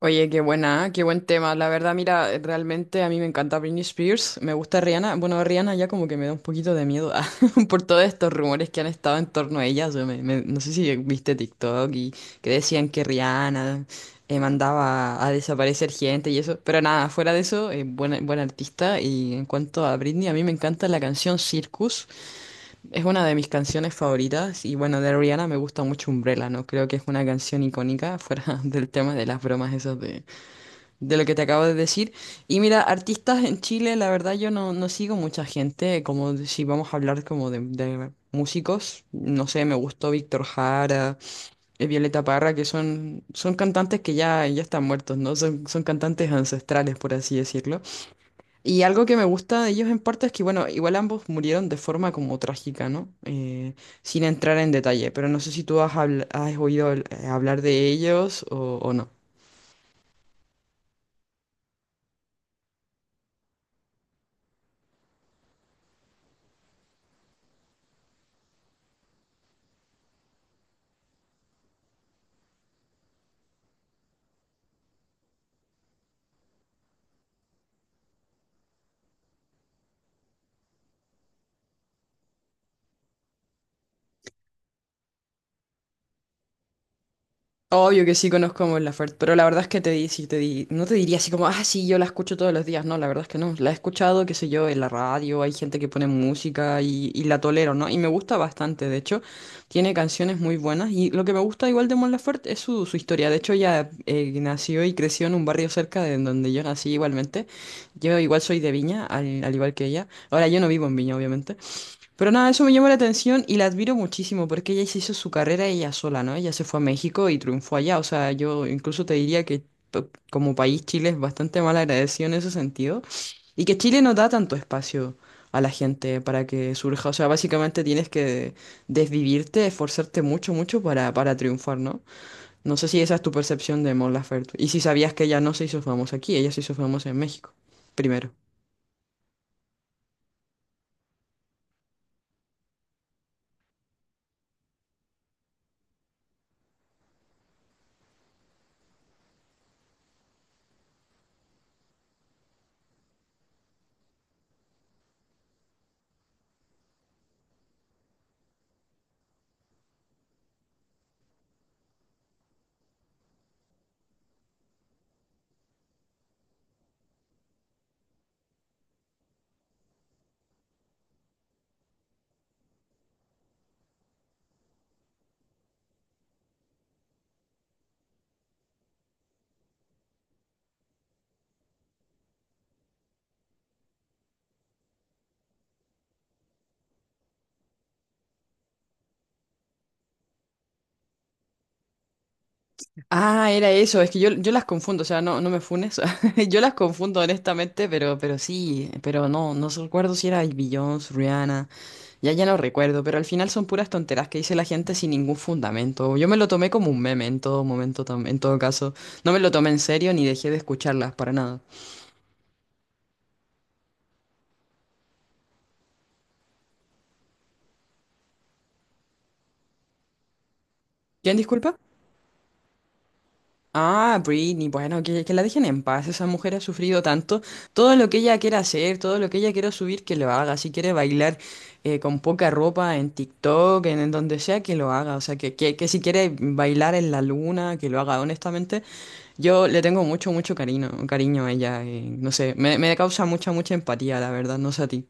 Oye, qué buena, ¿eh? Qué buen tema. La verdad, mira, realmente a mí me encanta Britney Spears, me gusta Rihanna. Bueno, Rihanna ya como que me da un poquito de miedo por todos estos rumores que han estado en torno a ella. O sea, no sé si viste TikTok y que decían que Rihanna mandaba a desaparecer gente y eso. Pero nada, fuera de eso, buena, buena artista. Y en cuanto a Britney, a mí me encanta la canción Circus. Es una de mis canciones favoritas y bueno, de Rihanna me gusta mucho Umbrella, ¿no? Creo que es una canción icónica fuera del tema de las bromas esas de lo que te acabo de decir. Y mira, artistas en Chile, la verdad yo no, no sigo mucha gente, como si vamos a hablar como de músicos, no sé, me gustó Víctor Jara, Violeta Parra, que son, son cantantes que ya están muertos, ¿no? Son, son cantantes ancestrales, por así decirlo. Y algo que me gusta de ellos en parte es que, bueno, igual ambos murieron de forma como trágica, ¿no? Sin entrar en detalle, pero no sé si tú has oído hablar de ellos o no. Obvio que sí conozco a Mon Laferte, pero la verdad es que te di, sí, te di, no te diría así como, ah, sí, yo la escucho todos los días. No, la verdad es que no. La he escuchado, qué sé yo, en la radio, hay gente que pone música y la tolero, ¿no? Y me gusta bastante, de hecho, tiene canciones muy buenas. Y lo que me gusta igual de Mon Laferte es su, su historia. De hecho, ella nació y creció en un barrio cerca de donde yo nací igualmente. Yo igual soy de Viña, al igual que ella. Ahora yo no vivo en Viña, obviamente. Pero nada, eso me llamó la atención y la admiro muchísimo porque ella se hizo su carrera ella sola, ¿no? Ella se fue a México y triunfó allá. O sea, yo incluso te diría que como país Chile es bastante mal agradecido en ese sentido y que Chile no da tanto espacio a la gente para que surja. O sea, básicamente tienes que desvivirte, esforzarte mucho, mucho para triunfar, ¿no? No sé si esa es tu percepción de Mon Laferte y si sabías que ella no se hizo famosa aquí, ella se hizo famosa en México primero. Ah, era eso, es que yo las confundo, o sea, no, no me funes, yo las confundo honestamente, pero sí, pero no, recuerdo si era Beyoncé, Rihanna, ya no recuerdo, pero al final son puras tonteras que dice la gente sin ningún fundamento, yo me lo tomé como un meme en todo momento, en todo caso, no me lo tomé en serio ni dejé de escucharlas para nada. ¿Quién disculpa? Ah, Britney, bueno, que la dejen en paz. Esa mujer ha sufrido tanto. Todo lo que ella quiera hacer, todo lo que ella quiera subir, que lo haga. Si quiere bailar con poca ropa en TikTok, en donde sea, que lo haga. O sea, que si quiere bailar en la luna, que lo haga. Honestamente, yo le tengo mucho, mucho cariño, cariño a ella. No sé, me causa mucha, mucha empatía, la verdad. No sé a ti.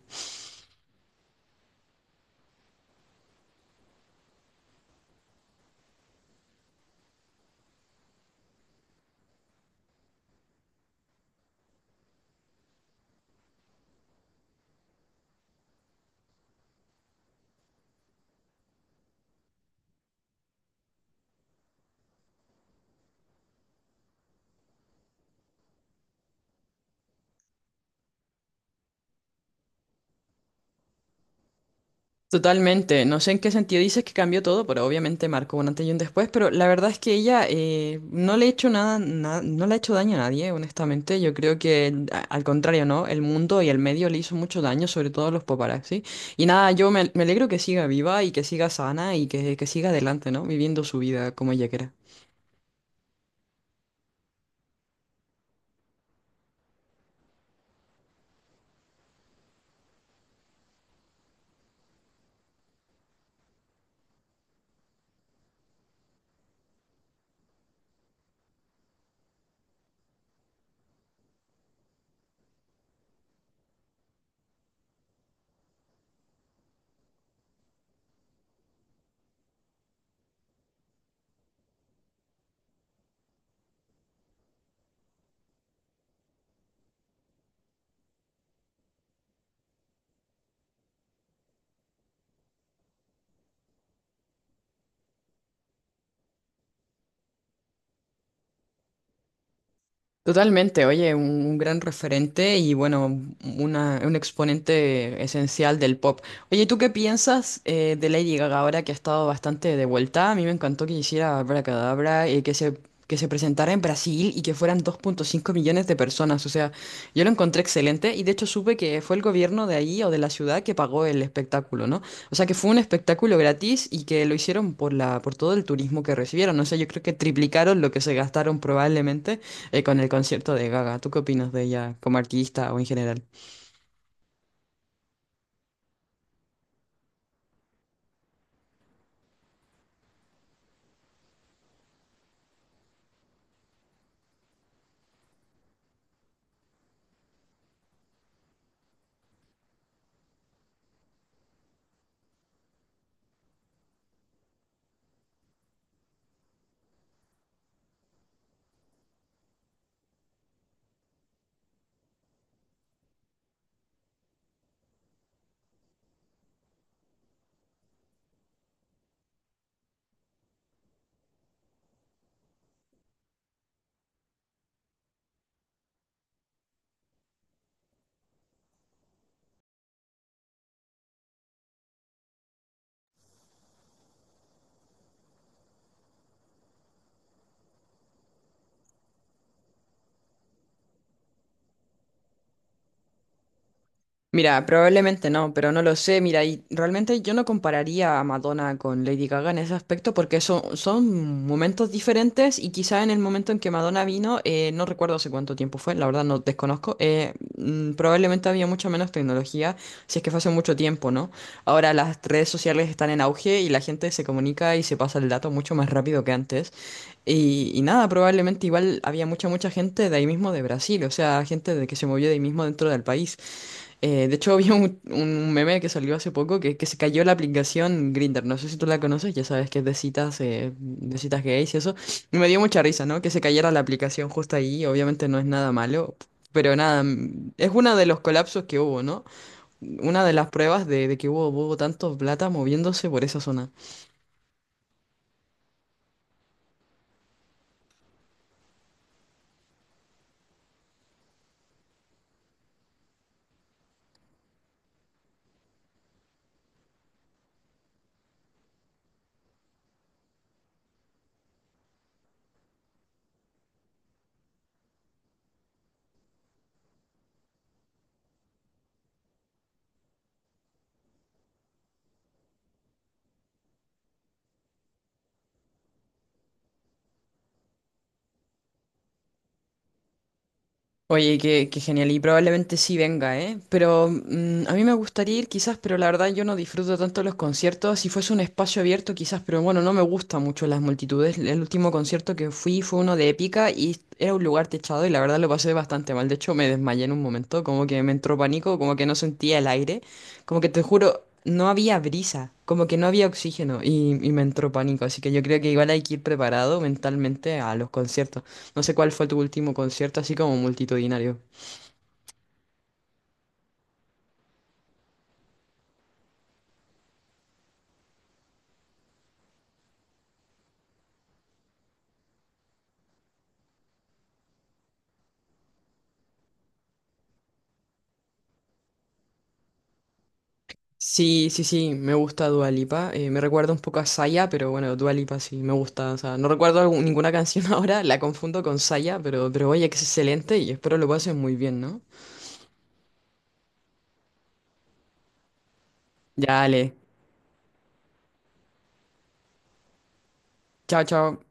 Totalmente, no sé en qué sentido dices que cambió todo, pero obviamente marcó un antes y un después, pero la verdad es que ella no le ha hecho nada, no le ha hecho daño a nadie, honestamente, yo creo que al contrario, ¿no? El mundo y el medio le hizo mucho daño, sobre todo a los paparazzi, y nada, me alegro que siga viva y que siga sana y que siga adelante, ¿no? Viviendo su vida como ella quiera. Totalmente, oye, un gran referente y bueno, un exponente esencial del pop. Oye, ¿tú qué piensas de Lady Gaga ahora que ha estado bastante de vuelta? A mí me encantó que hiciera Abracadabra y que se presentara en Brasil y que fueran 2.5 millones de personas. O sea, yo lo encontré excelente y de hecho supe que fue el gobierno de ahí o de la ciudad que pagó el espectáculo, ¿no? O sea, que fue un espectáculo gratis y que lo hicieron por la, por todo el turismo que recibieron. O sea, yo creo que triplicaron lo que se gastaron probablemente con el concierto de Gaga. ¿Tú qué opinas de ella como artista o en general? Mira, probablemente no, pero no lo sé. Mira, y realmente yo no compararía a Madonna con Lady Gaga en ese aspecto porque son, son momentos diferentes y quizá en el momento en que Madonna vino, no recuerdo hace cuánto tiempo fue, la verdad no desconozco, probablemente había mucha menos tecnología, si es que fue hace mucho tiempo, ¿no? Ahora las redes sociales están en auge y la gente se comunica y se pasa el dato mucho más rápido que antes. Y nada, probablemente igual había mucha, mucha gente de ahí mismo de Brasil, o sea, gente de que se movió de ahí mismo dentro del país. De hecho, había un meme que salió hace poco que se cayó la aplicación Grindr. No sé si tú la conoces, ya sabes que es de citas gays y eso. Y me dio mucha risa, ¿no? Que se cayera la aplicación justo ahí. Obviamente no es nada malo, pero nada, es uno de los colapsos que hubo, ¿no? Una de las pruebas de que hubo, hubo tanto plata moviéndose por esa zona. Oye, qué genial, y probablemente sí venga, ¿eh? Pero a mí me gustaría ir quizás, pero la verdad yo no disfruto tanto los conciertos. Si fuese un espacio abierto quizás, pero bueno, no me gustan mucho las multitudes. El último concierto que fui fue uno de Épica y era un lugar techado y la verdad lo pasé bastante mal. De hecho, me desmayé en un momento, como que me entró pánico, como que no sentía el aire, como que te juro, no había brisa, como que no había oxígeno y me entró pánico. Así que yo creo que igual hay que ir preparado mentalmente a los conciertos. No sé cuál fue tu último concierto, así como multitudinario. Sí, sí, sí, me gusta Dua Lipa. Me recuerda un poco a Saya, pero bueno, Dua Lipa sí, me gusta. O sea, no recuerdo ninguna canción ahora, la confundo con Saya, pero oye, que es excelente y espero lo pases muy bien, ¿no? Ya, dale. Chao, chao.